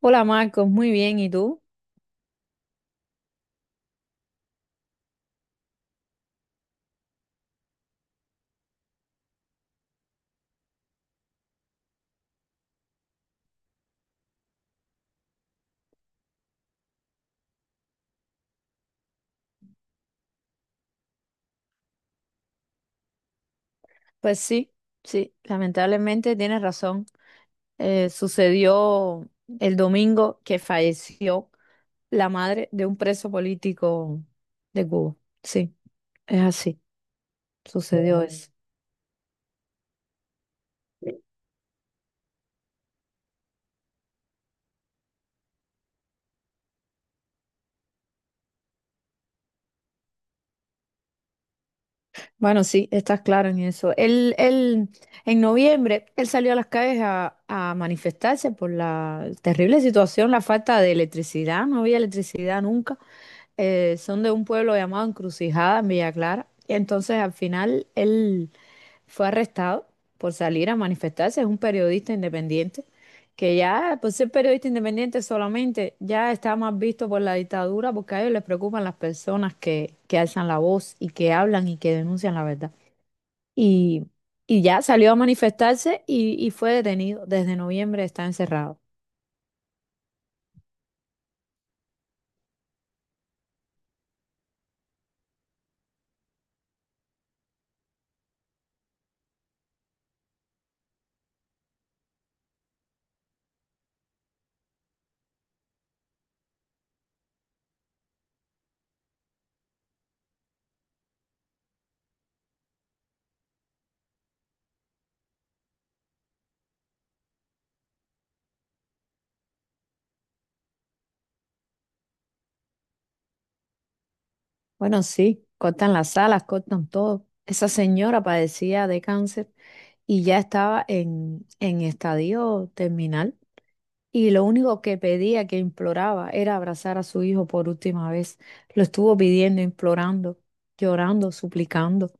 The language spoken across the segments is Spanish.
Hola, Marcos, muy bien, ¿y tú? Pues sí, sí, lamentablemente tienes razón. Sucedió el domingo que falleció la madre de un preso político de Cuba. Sí, es así, sucedió eso. Bueno, sí, estás claro en eso. Él, en noviembre, él salió a las calles a manifestarse por la terrible situación, la falta de electricidad, no había electricidad nunca. Son de un pueblo llamado Encrucijada en Villa Clara. Y entonces al final él fue arrestado por salir a manifestarse. Es un periodista independiente, que ya por ser periodista independiente solamente ya está más visto por la dictadura porque a ellos les preocupan las personas que alzan la voz y que hablan y que denuncian la verdad. Y, y ya salió a manifestarse y fue detenido. Desde noviembre está encerrado. Bueno, sí, cortan las salas, cortan todo. Esa señora padecía de cáncer y ya estaba en estadio terminal. Y lo único que pedía, que imploraba, era abrazar a su hijo por última vez. Lo estuvo pidiendo, implorando, llorando, suplicando.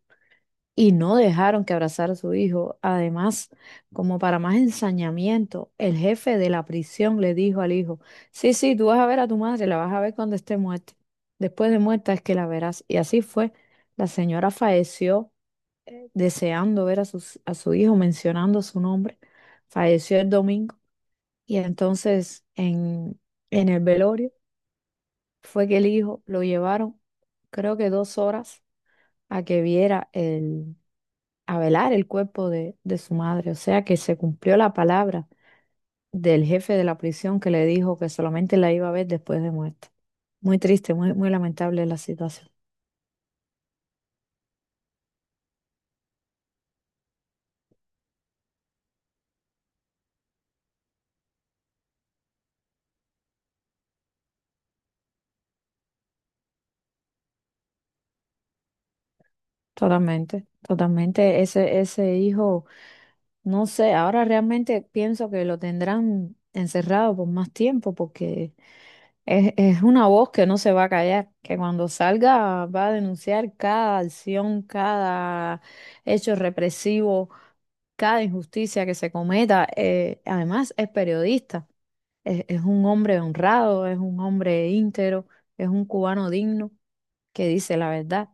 Y no dejaron que abrazara a su hijo. Además, como para más ensañamiento, el jefe de la prisión le dijo al hijo, sí, sí, tú vas a ver a tu madre, la vas a ver cuando esté muerta. Después de muerta es que la verás. Y así fue. La señora falleció deseando ver a, a su hijo, mencionando su nombre. Falleció el domingo y entonces en el velorio fue que el hijo lo llevaron, creo que dos horas, a que viera a velar el cuerpo de su madre. O sea que se cumplió la palabra del jefe de la prisión que le dijo que solamente la iba a ver después de muerta. Muy triste, muy, muy lamentable la situación. Totalmente, totalmente. Ese hijo. No sé, ahora realmente pienso que lo tendrán encerrado por más tiempo porque es una voz que no se va a callar, que cuando salga va a denunciar cada acción, cada hecho represivo, cada injusticia que se cometa. Además es periodista, es un hombre honrado, es un hombre íntero, es un cubano digno que dice la verdad.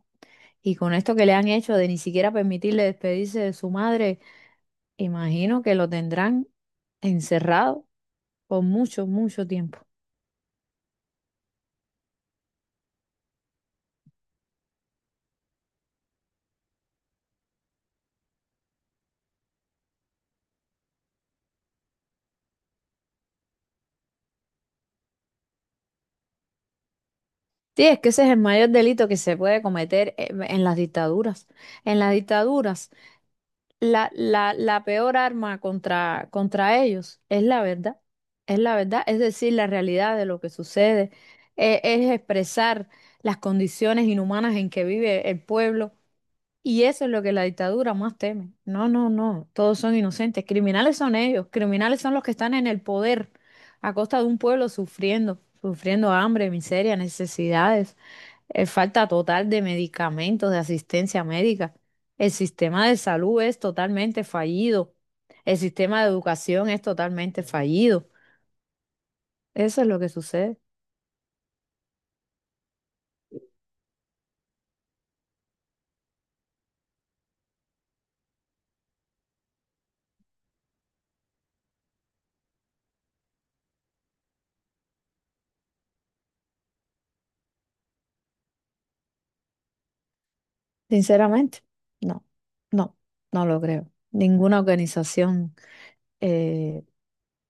Y con esto que le han hecho de ni siquiera permitirle despedirse de su madre, imagino que lo tendrán encerrado por mucho, mucho tiempo. Sí, es que ese es el mayor delito que se puede cometer en las dictaduras. En las dictaduras, la peor arma contra ellos es la verdad. Es la verdad, es decir, la realidad de lo que sucede. Es expresar las condiciones inhumanas en que vive el pueblo. Y eso es lo que la dictadura más teme. No, no, no, todos son inocentes. Criminales son ellos, criminales son los que están en el poder a costa de un pueblo sufriendo, sufriendo hambre, miseria, necesidades, falta total de medicamentos, de asistencia médica. El sistema de salud es totalmente fallido. El sistema de educación es totalmente fallido. Eso es lo que sucede. Sinceramente, no, no, no lo creo. Ninguna organización. eh,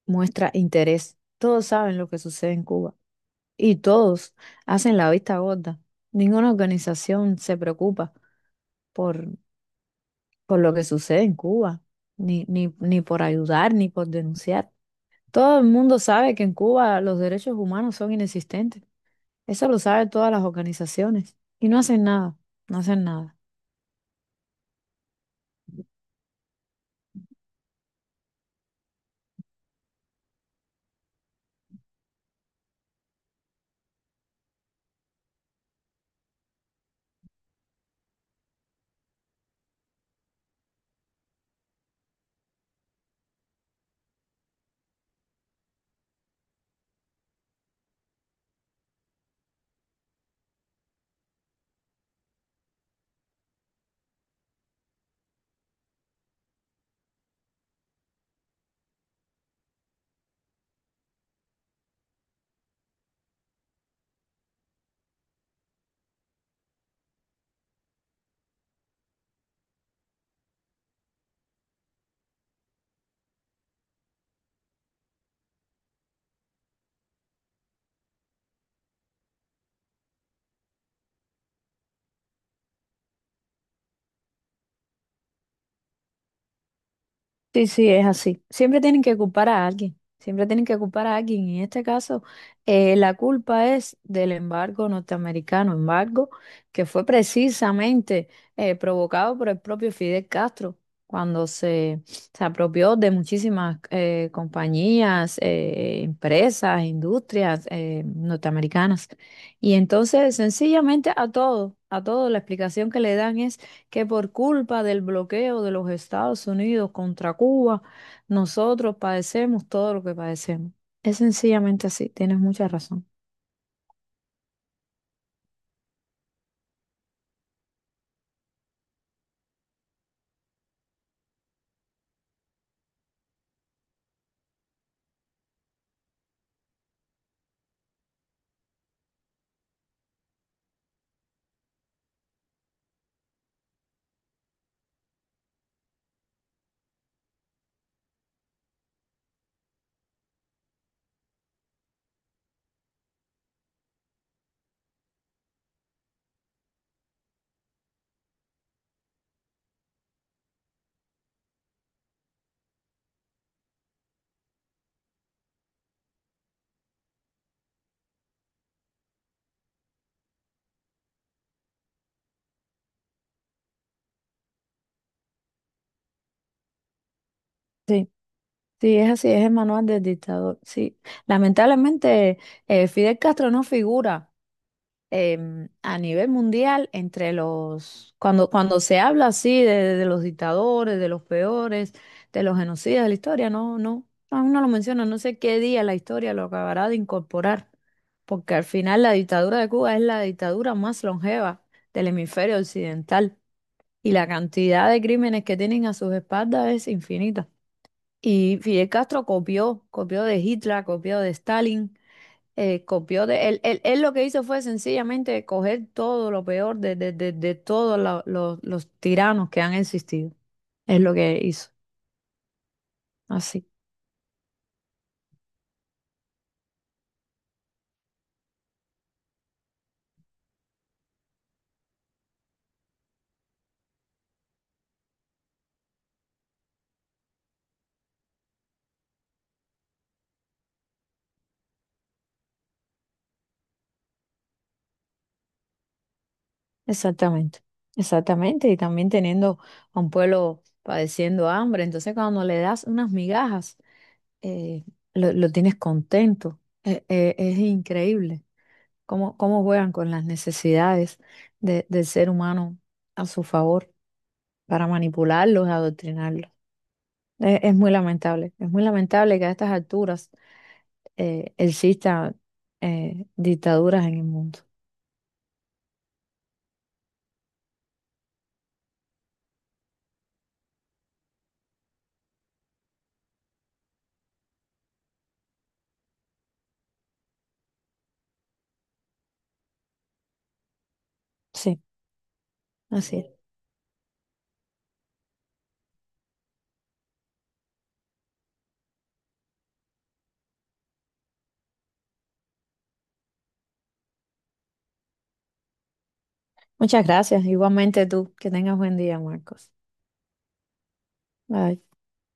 Muestra interés. Todos saben lo que sucede en Cuba y todos hacen la vista gorda. Ninguna organización se preocupa por, por lo que sucede en Cuba, ni por ayudar, ni por denunciar. Todo el mundo sabe que en Cuba los derechos humanos son inexistentes. Eso lo saben todas las organizaciones y no hacen nada, no hacen nada. Sí, sí, es así. Siempre tienen que culpar a alguien, siempre tienen que culpar a alguien. Y en este caso, la culpa es del embargo norteamericano, embargo que fue precisamente provocado por el propio Fidel Castro, cuando se apropió de muchísimas compañías, empresas, industrias norteamericanas. Y entonces, sencillamente a todo, la explicación que le dan que por culpa del bloqueo de los Estados Unidos contra Cuba, nosotros padecemos todo lo que padecemos. Es sencillamente así, tienes mucha razón. Sí, sí, es así, es el manual del dictador. Sí, lamentablemente Fidel Castro no figura. A nivel mundial entre los, cuando se habla así de los dictadores, de los peores, de los genocidas de la historia, no, no, aún no lo menciona, no sé qué día la historia lo acabará de incorporar, porque al final la dictadura de Cuba es la dictadura más longeva del hemisferio occidental y la cantidad de crímenes que tienen a sus espaldas es infinita. Y Fidel Castro copió, copió de Hitler, copió de Stalin, copió de él, él lo que hizo fue sencillamente coger todo lo peor de todos los tiranos que han existido. Es lo que hizo. Así, exactamente. Exactamente. Y también teniendo a un pueblo padeciendo hambre. Entonces, cuando le das unas migajas, eh, lo tienes contento. Es increíble cómo, cómo juegan con las necesidades del ser humano a su favor para manipularlos, adoctrinarlos. Es muy lamentable, es muy lamentable que a estas alturas existan dictaduras en el mundo. Sí, así es. Muchas gracias. Igualmente tú, que tengas buen día, Marcos. Bye.